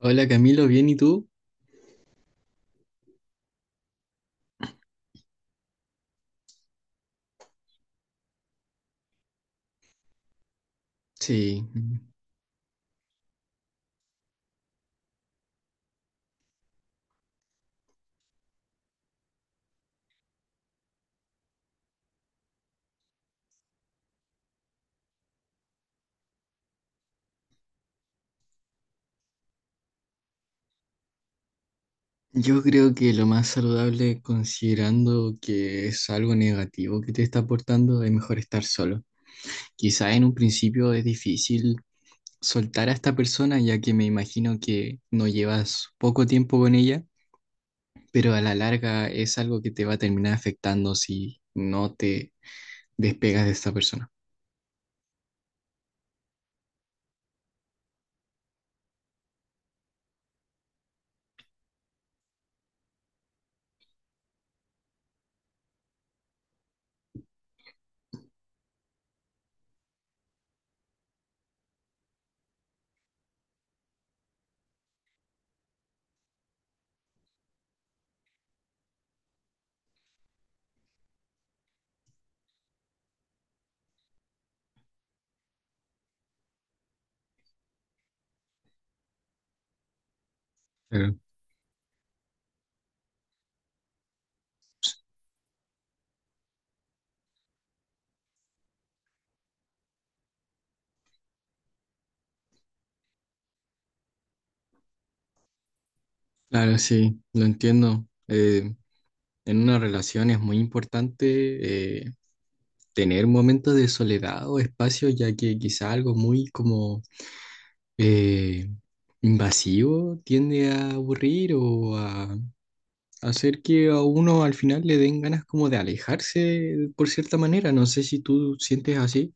Hola Camilo, ¿bien y tú? Sí, yo creo que lo más saludable, considerando que es algo negativo que te está aportando, es mejor estar solo. Quizá en un principio es difícil soltar a esta persona, ya que me imagino que no llevas poco tiempo con ella, pero a la larga es algo que te va a terminar afectando si no te despegas de esta persona. Claro. Claro, sí, lo entiendo. En una relación es muy importante. Tener momentos de soledad o espacio, ya que quizá algo muy como eh, invasivo tiende a aburrir o a hacer que a uno al final le den ganas como de alejarse por cierta manera. No sé si tú sientes así.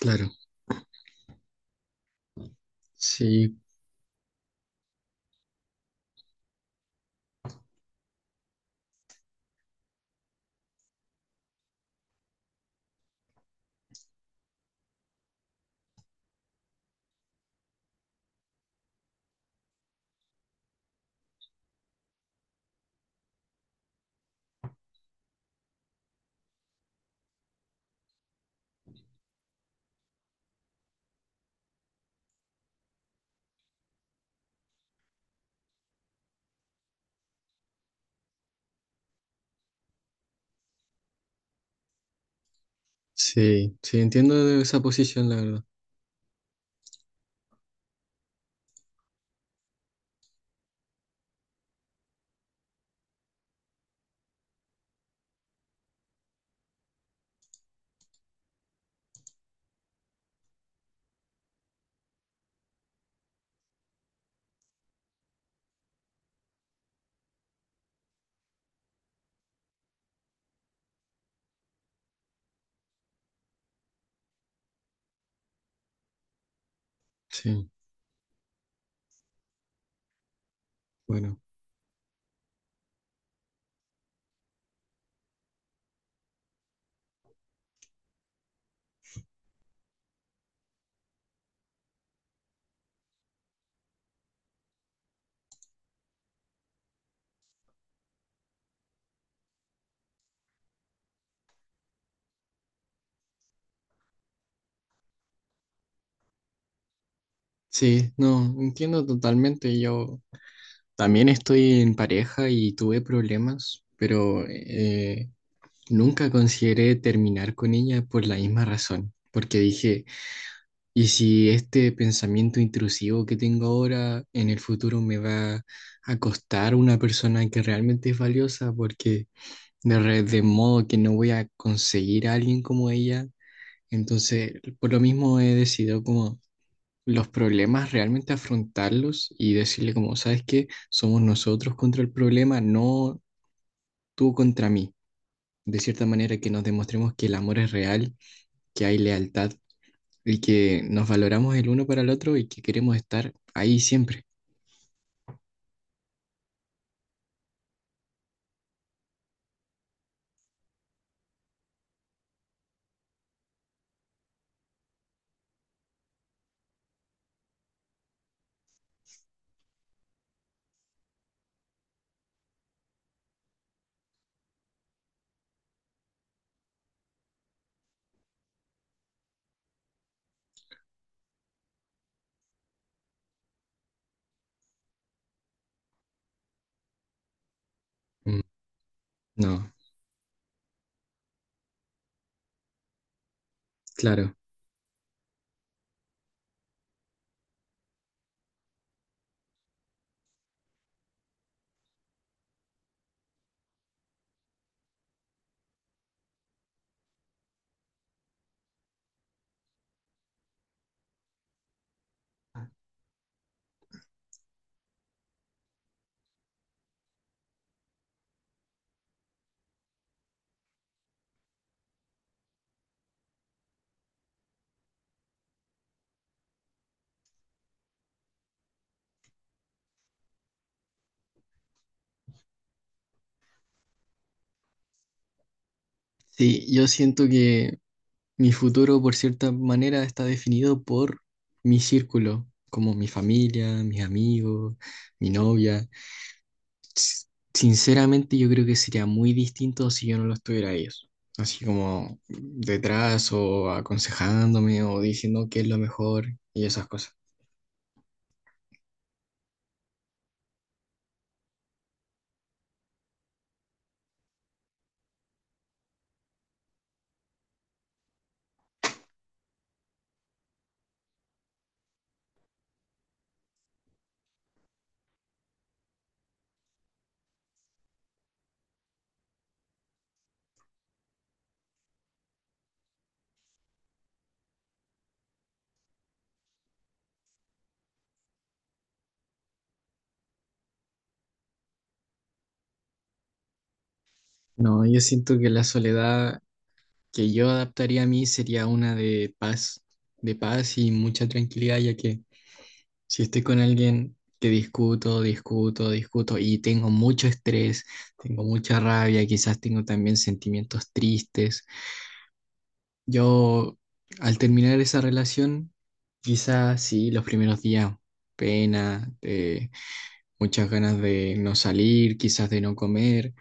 Claro, sí, sí, entiendo esa posición, la verdad. Sí, bueno. Sí, no, entiendo totalmente. Yo también estoy en pareja y tuve problemas, pero nunca consideré terminar con ella por la misma razón, porque dije, ¿y si este pensamiento intrusivo que tengo ahora en el futuro me va a costar una persona que realmente es valiosa? Porque de modo que no voy a conseguir a alguien como ella. Entonces, por lo mismo he decidido como los problemas realmente afrontarlos y decirle como, ¿sabes qué? Somos nosotros contra el problema, no tú contra mí, de cierta manera que nos demostremos que el amor es real, que hay lealtad y que nos valoramos el uno para el otro y que queremos estar ahí siempre. Mm. No, claro. Sí, yo siento que mi futuro, por cierta manera, está definido por mi círculo, como mi familia, mis amigos, mi novia. S- Sinceramente, yo creo que sería muy distinto si yo no los tuviera a ellos. Así como detrás o aconsejándome o diciendo qué es lo mejor y esas cosas. No, yo siento que la soledad que yo adaptaría a mí sería una de paz y mucha tranquilidad, ya que si estoy con alguien que discuto, discuto, discuto y tengo mucho estrés, tengo mucha rabia, quizás tengo también sentimientos tristes, yo al terminar esa relación, quizás sí, los primeros días, pena, muchas ganas de no salir, quizás de no comer,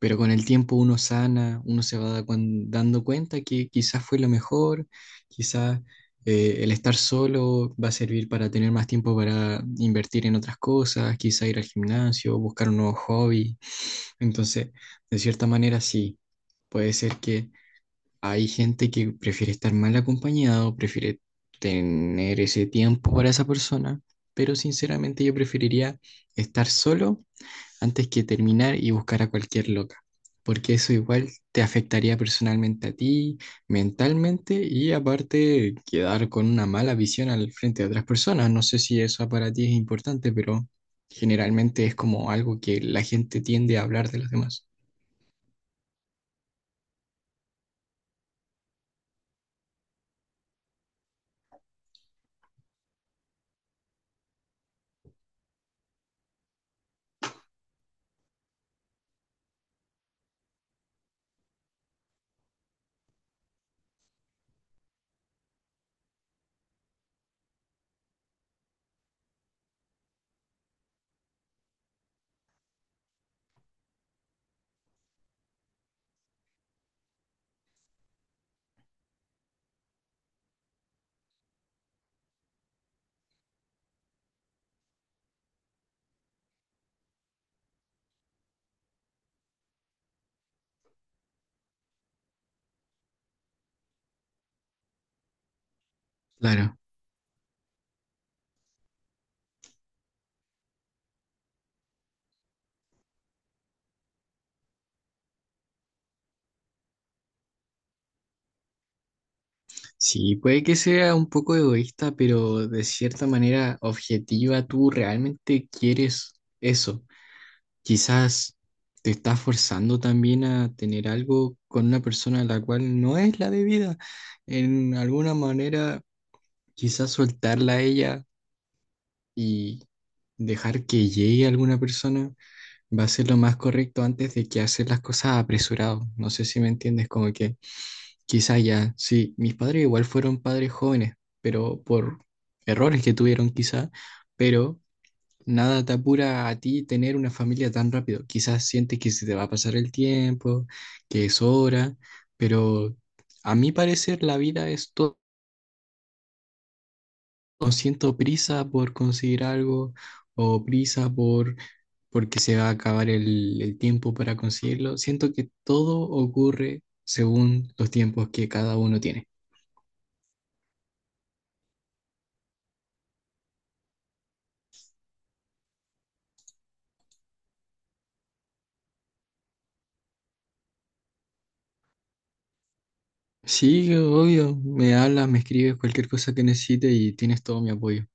pero con el tiempo uno sana, uno se dando cuenta que quizás fue lo mejor, quizás el estar solo va a servir para tener más tiempo para invertir en otras cosas, quizás ir al gimnasio, buscar un nuevo hobby. Entonces, de cierta manera sí, puede ser que hay gente que prefiere estar mal acompañado, prefiere tener ese tiempo para esa persona, pero sinceramente yo preferiría estar solo antes que terminar y buscar a cualquier loca, porque eso igual te afectaría personalmente a ti, mentalmente, y aparte quedar con una mala visión al frente de otras personas. No sé si eso para ti es importante, pero generalmente es como algo que la gente tiende a hablar de los demás. Claro, sí, puede que sea un poco egoísta, pero de cierta manera objetiva, tú realmente quieres eso. Quizás te estás forzando también a tener algo con una persona a la cual no es la debida. En alguna manera, quizás soltarla a ella y dejar que llegue alguna persona va a ser lo más correcto antes de que hacer las cosas apresurado. No sé si me entiendes, como que quizás ya, sí, mis padres igual fueron padres jóvenes, pero por errores que tuvieron quizás, pero nada te apura a ti tener una familia tan rápido. Quizás sientes que se te va a pasar el tiempo, que es hora, pero a mi parecer la vida es todo. No siento prisa por conseguir algo o prisa por , porque se va a acabar el tiempo para conseguirlo. Siento que todo ocurre según los tiempos que cada uno tiene. Sí, obvio, me hablas, me escribes cualquier cosa que necesites y tienes todo mi apoyo.